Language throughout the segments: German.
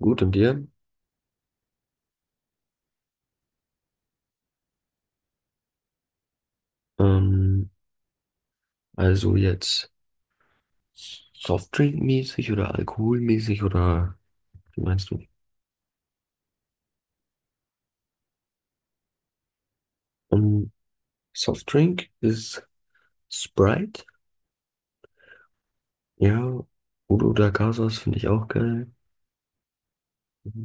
Gut, und dir? Ähm, also jetzt Softdrink-mäßig oder alkoholmäßig oder wie meinst du? Ähm, Softdrink ist Sprite, ja. Udo da Casas finde ich auch geil.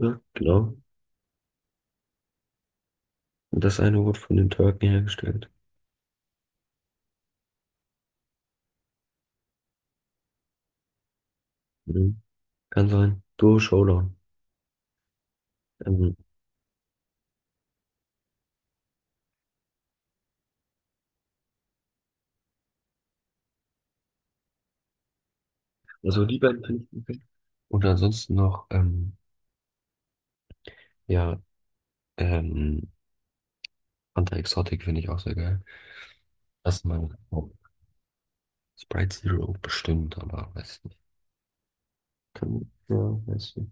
Ja, genau. Und das eine wurde von den Türken hergestellt. Mhm. Kann sein. Duo Showdown. Ähm, also die beiden finde ich okay. Und ansonsten noch, ja, ähm, Fanta Exotic finde ich auch sehr geil. Das ist mein Sprite Zero bestimmt, aber weiß nicht. Kann, ja, weiß nicht.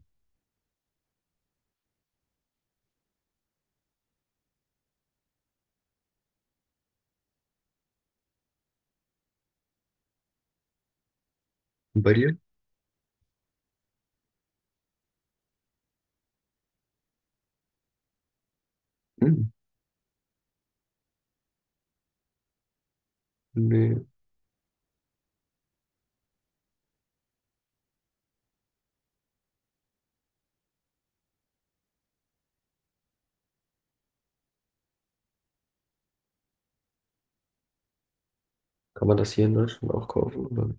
Und bei dir? Hm. Nee. Kann man das hier in Deutschland auch kaufen? Oder?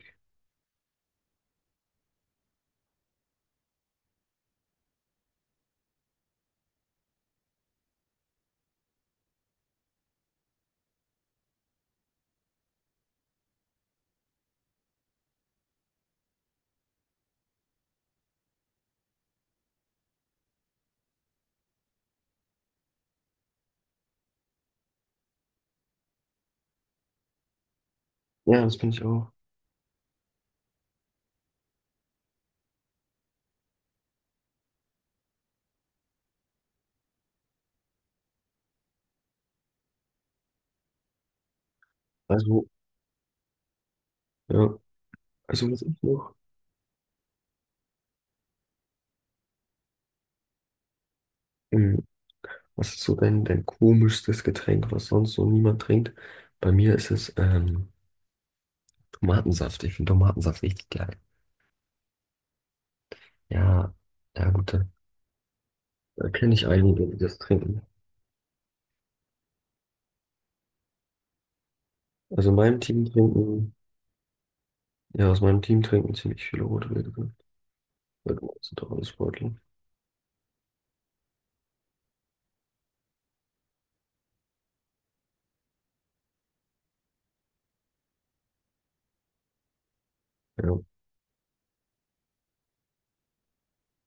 Ja, das bin ich auch. Also, ja. Also, was ich noch? Hm. Was ist so dein komischstes Getränk, was sonst so niemand trinkt? Bei mir ist es Tomatensaft. Ich finde Tomatensaft richtig geil. Ja, ja, gut. Da kenne ich einige, die das trinken. Also, in meinem Team trinken, ja, aus meinem Team trinken ziemlich viele Rotwürste. Weil du meinst, sind doch alles Sportler. Ja.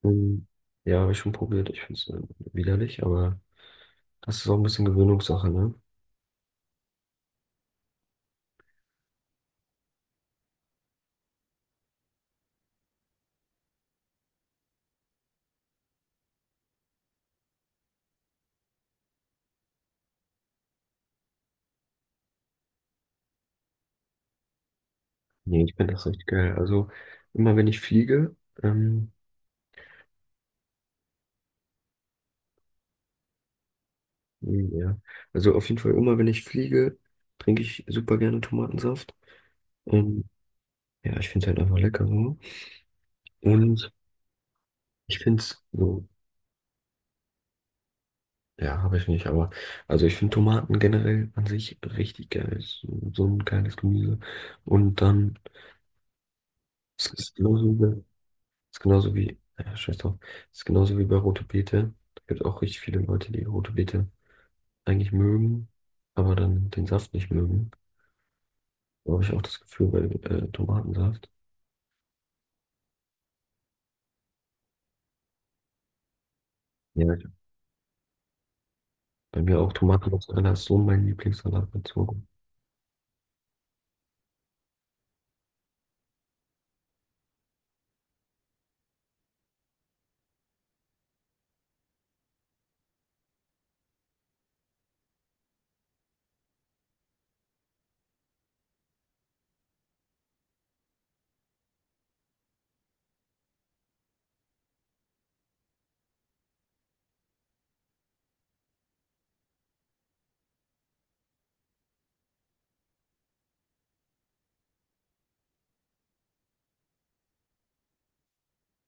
Ähm, Ja, habe ich schon probiert. Ich finde es widerlich, aber das ist auch ein bisschen Gewöhnungssache, ne? Nee, ich finde das echt geil. Also immer wenn ich fliege, ähm, ja, also auf jeden Fall immer wenn ich fliege, trinke ich super gerne Tomatensaft. Ähm, ja, ich finde es halt einfach lecker so. Und ich finde es so, ja, habe ich nicht, aber also ich finde Tomaten generell an sich richtig geil. So so ein geiles Gemüse. Und dann, es ist genauso. Ist genauso wie, scheiß drauf, ist genauso wie bei Rote Beete. Es gibt auch richtig viele Leute, die Rote Beete eigentlich mögen, aber dann den Saft nicht mögen. Da habe ich auch das Gefühl bei Tomatensaft. Ja, bei mir auch Tomatenmozzarella ist so mein Lieblingssalat bezogen.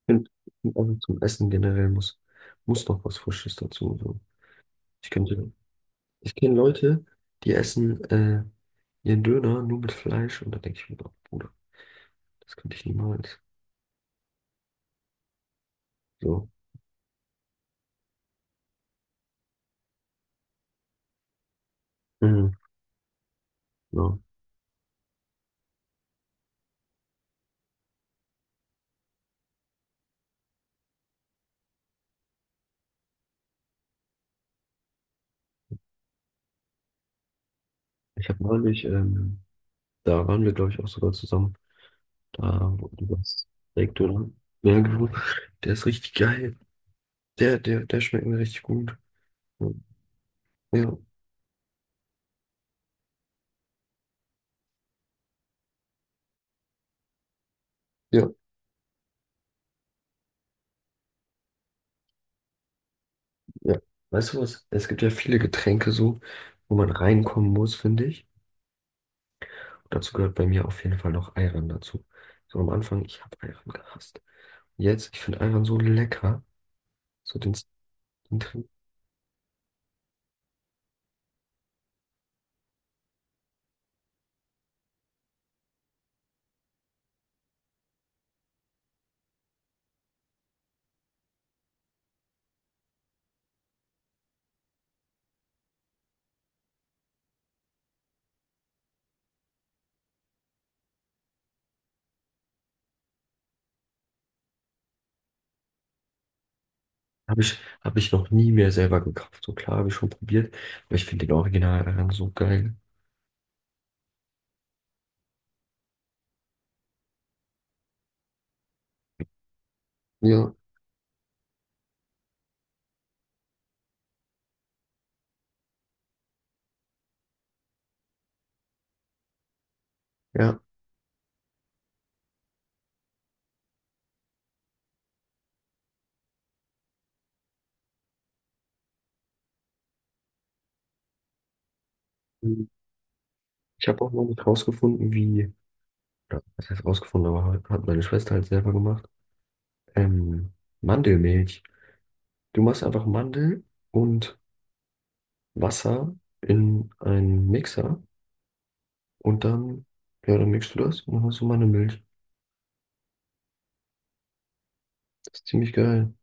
Ich finde Find auch zum Essen generell muss noch was Frisches dazu. So. Ich könnte, Ich kenne Leute, die essen ihren Döner nur mit Fleisch und da denke ich mir, oh, Bruder, das könnte ich niemals. So. Mhm. Ja. Ich habe neulich da waren wir, glaube ich, auch sogar zusammen. Da, wo du warst. Direkt, oder? Ja, genau. Der ist richtig geil. Der schmeckt mir richtig gut. Ja, ja, ja. Weißt du was? Es gibt ja viele Getränke so, wo man reinkommen muss, finde ich. Dazu gehört bei mir auf jeden Fall noch Ayran dazu. So am Anfang, ich habe Ayran gehasst. Jetzt, ich finde Ayran so lecker. So den, den Trink hab ich noch nie mehr selber gekauft. So klar, habe ich schon probiert. Aber ich finde den Original Ayran so geil. Ja, ja. Ich habe auch noch nicht rausgefunden, wie, oder was heißt rausgefunden, aber hat meine Schwester halt selber gemacht. Ähm, Mandelmilch. Du machst einfach Mandel und Wasser in einen Mixer und dann, ja, dann mixt du das und dann hast du Mandelmilch. Das ist ziemlich geil.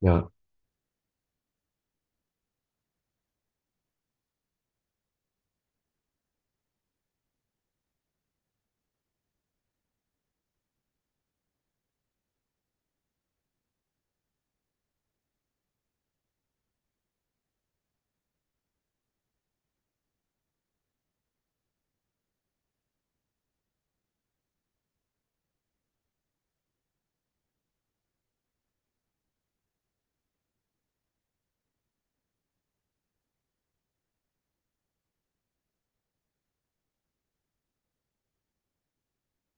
Ja,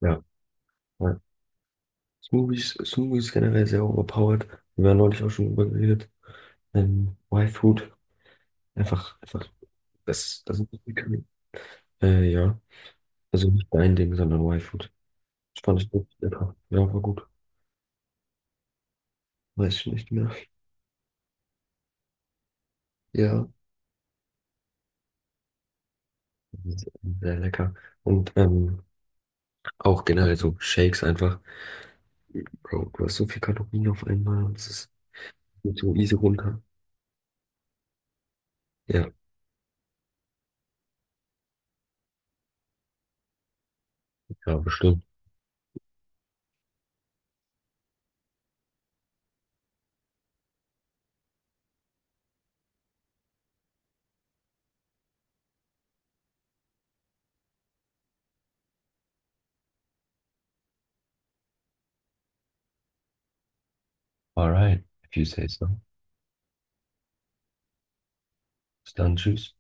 ja, ja. Smoothies, Smoothies generell sehr overpowered. Wir haben neulich auch schon drüber geredet. Y-Food, einfach, das sind Vitamine. Ja, also nicht dein Ding, sondern Y-Food. Das fand ich wirklich lecker. Ja, war gut. Weiß ich nicht mehr. Ja, sehr sehr lecker. Und auch generell so Shakes einfach. Bro, du hast so viel Kalorien auf einmal und es ist geht so easy runter. Ja, ja, bestimmt. Alright, if you say so. Bis dann, tschüss.